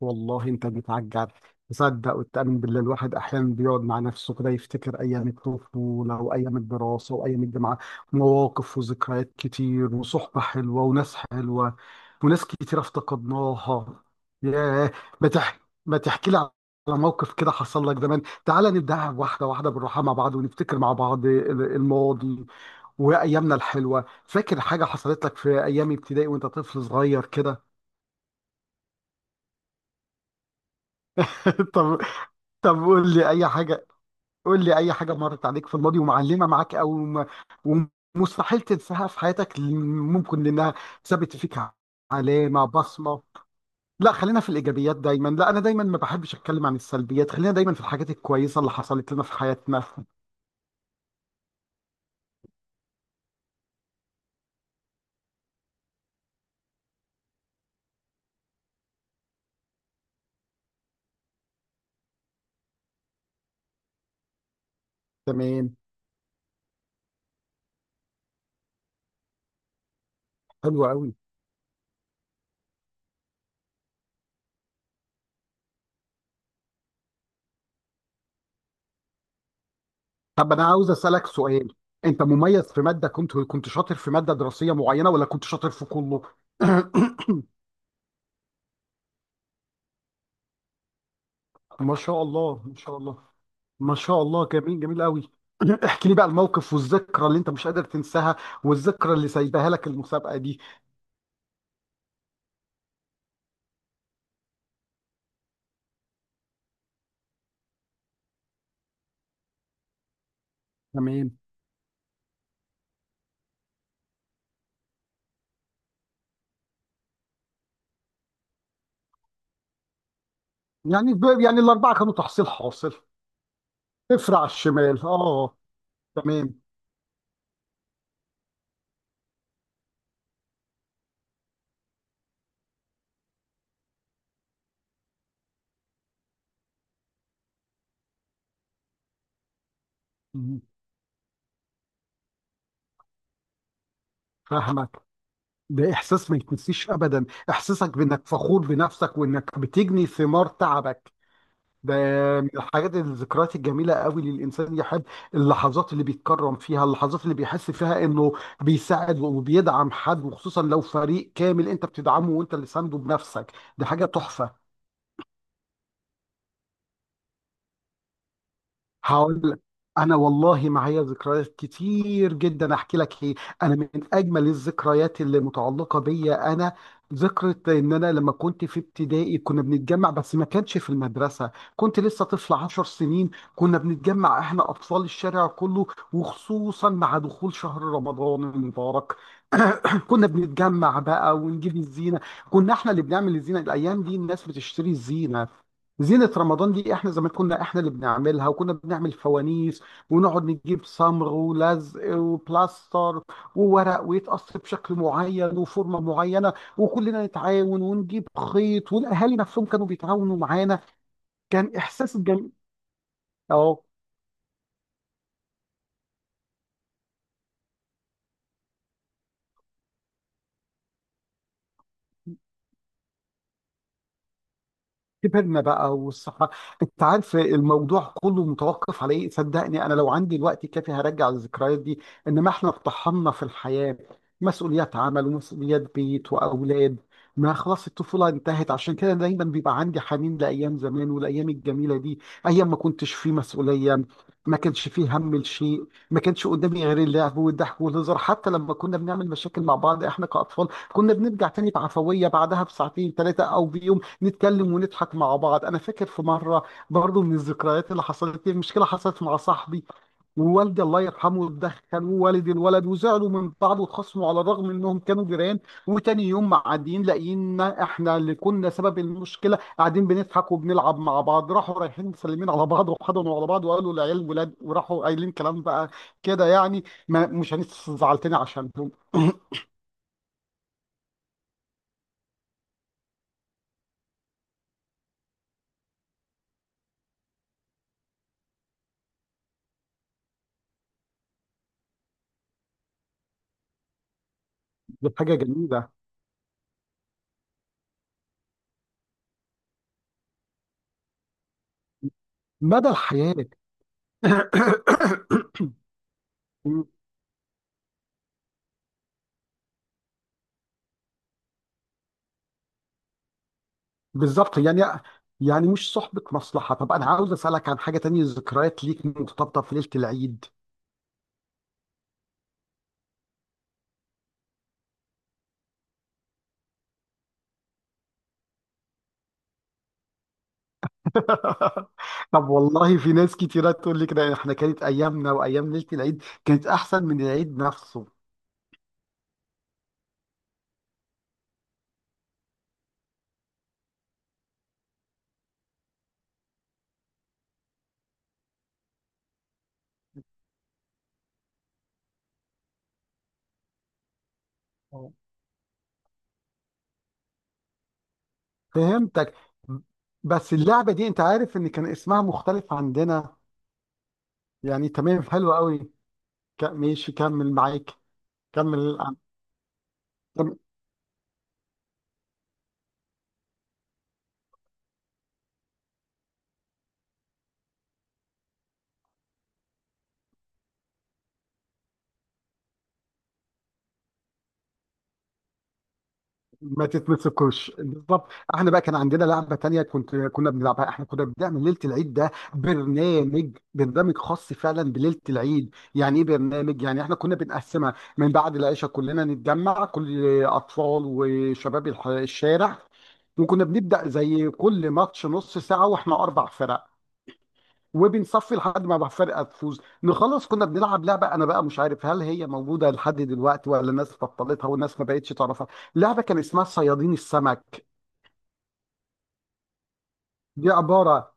والله انت بتعجب. تصدق وتأمن بالله، الواحد احيانا بيقعد مع نفسه كده يفتكر ايام الطفوله وايام الدراسه وايام الجامعه. مواقف وذكريات كتير وصحبه حلوه وناس حلوه وناس كتير افتقدناها. ياه. ما تح... ما تحكي لي على موقف كده حصل لك زمان. تعال نبدأها واحده واحده بالراحه مع بعض، ونفتكر مع بعض الماضي وايامنا الحلوه. فاكر حاجه حصلت لك في ايام ابتدائي وانت طفل صغير كده؟ طب طب قول لي اي حاجه. قول لي اي حاجه مرت عليك في الماضي ومعلمه معاك ومستحيل تنساها في حياتك، ممكن لانها سابت فيك علامه، بصمه. لا، خلينا في الايجابيات دايما. لا، انا دايما ما بحبش اتكلم عن السلبيات. خلينا دايما في الحاجات الكويسه اللي حصلت لنا في حياتنا. تمام. حلو قوي. طب انا عاوز اسالك سؤال. انت مميز في ماده، كنت شاطر في ماده دراسيه معينه، ولا كنت شاطر في كله؟ ما شاء الله، ما شاء الله، ما شاء الله. جميل، جميل قوي. احكي لي بقى الموقف والذكرى اللي انت مش قادر تنساها، والذكرى اللي سايباها لك المسابقة دي. تمام. يعني الأربعة كانوا تحصيل حاصل. صفر على الشمال، اه. تمام. مم. فاهمك. ده إحساس ما يتنسيش أبدا. إحساسك بإنك فخور بنفسك وإنك بتجني ثمار تعبك. ده من الحاجات، الذكريات الجميلة قوي اللي الإنسان يحب. اللحظات اللي بيتكرم فيها، اللحظات اللي بيحس فيها إنه بيساعد وبيدعم حد، وخصوصا لو فريق كامل أنت بتدعمه وأنت اللي سانده بنفسك. دي حاجة تحفة. هقول لك. انا والله معايا ذكريات كتير جدا. احكي لك ايه؟ انا من اجمل الذكريات اللي متعلقه بيا انا ذكرى ان انا لما كنت في ابتدائي كنا بنتجمع، بس ما كانش في المدرسه، كنت لسه طفل 10 سنين. كنا بنتجمع احنا اطفال الشارع كله، وخصوصا مع دخول شهر رمضان المبارك. كنا بنتجمع بقى ونجيب الزينه. كنا احنا اللي بنعمل الزينه. الايام دي الناس بتشتري الزينه، زينة رمضان دي احنا زمان كنا احنا اللي بنعملها. وكنا بنعمل فوانيس، ونقعد نجيب صمغ ولزق وبلاستر وورق ويتقص بشكل معين وفورمة معينة، وكلنا نتعاون ونجيب خيط، والاهالي نفسهم كانوا بيتعاونوا معانا. كان احساس جميل. كبرنا بقى والصحة. انت عارف الموضوع كله متوقف على ايه؟ صدقني انا لو عندي الوقت الكافي هرجع الذكريات دي. انما احنا اتطحنا في الحياة، مسؤوليات عمل ومسؤوليات بيت واولاد. ما خلاص الطفولة انتهت. عشان كده دايما بيبقى عندي حنين لايام زمان والايام الجميلة دي، ايام ما كنتش فيه مسؤولية، ما كانش فيه هم لشيء، ما كانش قدامي غير اللعب والضحك والهزار. حتى لما كنا بنعمل مشاكل مع بعض احنا كأطفال كنا بنرجع تاني بعفوية بعدها بساعتين، ثلاثة، او بيوم، نتكلم ونضحك مع بعض. انا فاكر في مره، برضو من الذكريات اللي حصلت لي، مشكله حصلت مع صاحبي ووالدي الله يرحمه اتدخل ووالد الولد، وزعلوا من بعض واتخاصموا على الرغم انهم كانوا جيران. وتاني يوم معديين لقينا احنا اللي كنا سبب المشكله قاعدين بنضحك وبنلعب مع بعض. راحوا رايحين مسلمين على بعض وحضنوا على بعض وقالوا العيال ولاد، وراحوا قايلين كلام بقى كده، يعني ما مش هنزعل تاني عشانهم. دي حاجه جميله. مدى الحياه. بالظبط يعني. يعني مش صحبة مصلحة. طب أنا عاوز أسألك عن حاجة تانية، ذكريات ليك مرتبطة في ليلة العيد. طب والله في ناس كتيرة تقول لي كده، يعني إحنا كانت أيامنا وأيام ليلة العيد كانت أحسن من العيد نفسه. آه. فهمتك. بس اللعبة دي أنت عارف إن كان اسمها مختلف عندنا. يعني تمام، حلو قوي. ماشي، كمل معاك. كمل. ما تتمسكوش بالظبط. احنا بقى كان عندنا لعبه تانية كنا بنلعبها. احنا كنا بنعمل ليله العيد ده برنامج خاص فعلا بليله العيد. يعني ايه برنامج؟ يعني احنا كنا بنقسمها من بعد العشاء كلنا نتجمع، كل اطفال وشباب الشارع. وكنا بنبدا زي كل ماتش نص ساعه واحنا اربع فرق، وبنصفي لحد ما بقى فرقه تفوز نخلص. كنا بنلعب لعبه، انا بقى مش عارف هل هي موجوده لحد دلوقتي، ولا الناس بطلتها والناس ما بقتش تعرفها. لعبه كان اسمها صيادين السمك. دي عباره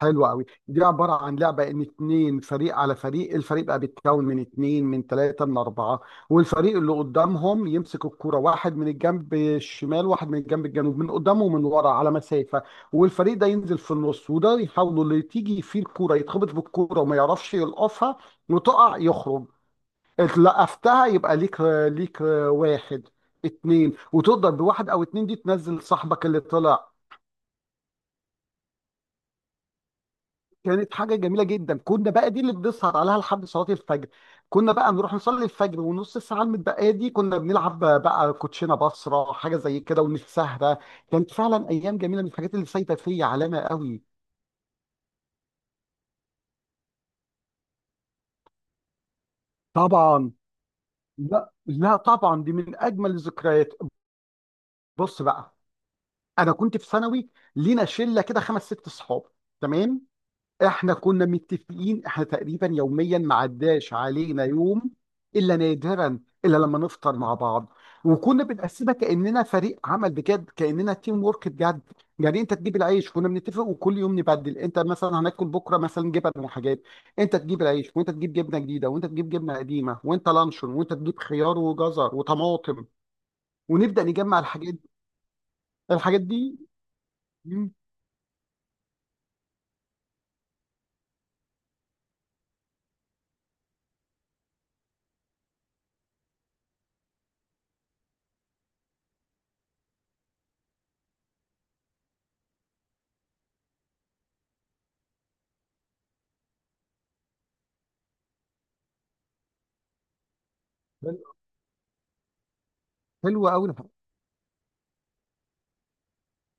حلو قوي. دي عباره عن لعبه ان اتنين فريق على فريق. الفريق بقى بيتكون من اتنين، من تلاته، من اربعه. والفريق اللي قدامهم يمسك الكوره، واحد من الجنب الشمال واحد من الجنب الجنوب، من قدامه ومن ورا على مسافه. والفريق ده ينزل في النص، وده يحاولوا اللي تيجي فيه الكوره يتخبط بالكوره وما يعرفش يلقفها وتقع يخرج. اتلقفتها يبقى ليك. ليك واحد، اتنين، وتقدر بواحد او اتنين دي تنزل صاحبك اللي طلع. كانت حاجة جميلة جدا. كنا بقى دي اللي بنسهر عليها لحد صلاة الفجر. كنا بقى نروح نصلي الفجر، ونص الساعة المتبقية دي كنا بنلعب بقى كوتشينة، بصرة، حاجة زي كده، ونتسهرة. كانت فعلا أيام جميلة، من الحاجات اللي سايبة فيا علامة قوي. طبعا. لا لا طبعا دي من أجمل الذكريات. بص بقى. أنا كنت في ثانوي، لينا شلة كده خمس ست صحاب. تمام. احنا كنا متفقين احنا تقريبا يوميا ما عداش علينا يوم الا نادرا، الا لما نفطر مع بعض. وكنا بنقسمها كاننا فريق عمل بجد، كاننا تيم وورك بجد. يعني انت تجيب العيش، كنا بنتفق وكل يوم نبدل، انت مثلا هناكل بكره مثلا جبن وحاجات. انت تجيب العيش، وانت تجيب جبنه جديده، وانت تجيب جبنه قديمه، وانت لانشون، وانت تجيب خيار وجزر وطماطم، ونبدا نجمع الحاجات. الحاجات دي مم، حلوه قوي.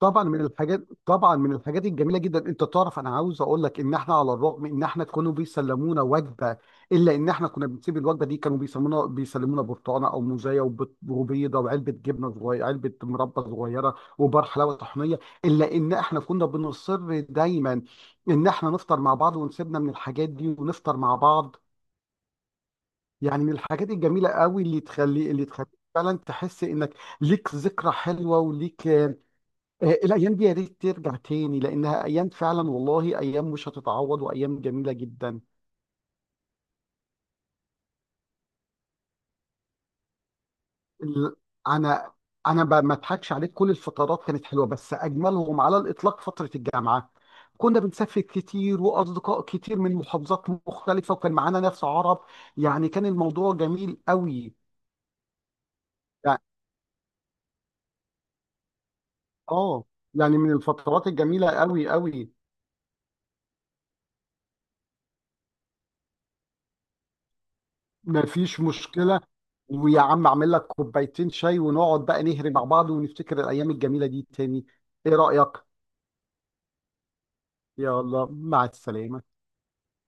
طبعا من الحاجات الجميله جدا، انت تعرف انا عاوز اقول لك ان احنا على الرغم ان احنا كانوا بيسلمونا وجبه، الا ان احنا كنا بنسيب الوجبه دي. كانوا بيسلمونا برتقانه او موزايه وبيضه وعلبه جبنه صغيره، علبه مربى صغيره، وبار حلاوه طحينيه. الا ان احنا كنا بنصر دايما ان احنا نفطر مع بعض ونسيبنا من الحاجات دي ونفطر مع بعض. يعني من الحاجات الجميله قوي اللي تخلي، فعلا تحس انك ليك ذكرى حلوه وليك. الأيام دي يا ريت ترجع تاني لأنها أيام، فعلا والله أيام مش هتتعوض، وأيام جميلة جدا. ال- أنا ما أضحكش عليك، كل الفترات كانت حلوة بس أجملهم على الإطلاق فترة الجامعة. كنا بنسافر كتير وأصدقاء كتير من محافظات مختلفة وكان معانا ناس عرب. يعني كان الموضوع جميل قوي. يعني آه يعني من الفترات الجميلة قوي قوي. مفيش مشكلة. ويا عم اعمل لك كوبايتين شاي ونقعد بقى نهري مع بعض ونفتكر الأيام الجميلة دي تاني. إيه رأيك؟ يلا مع السلامة.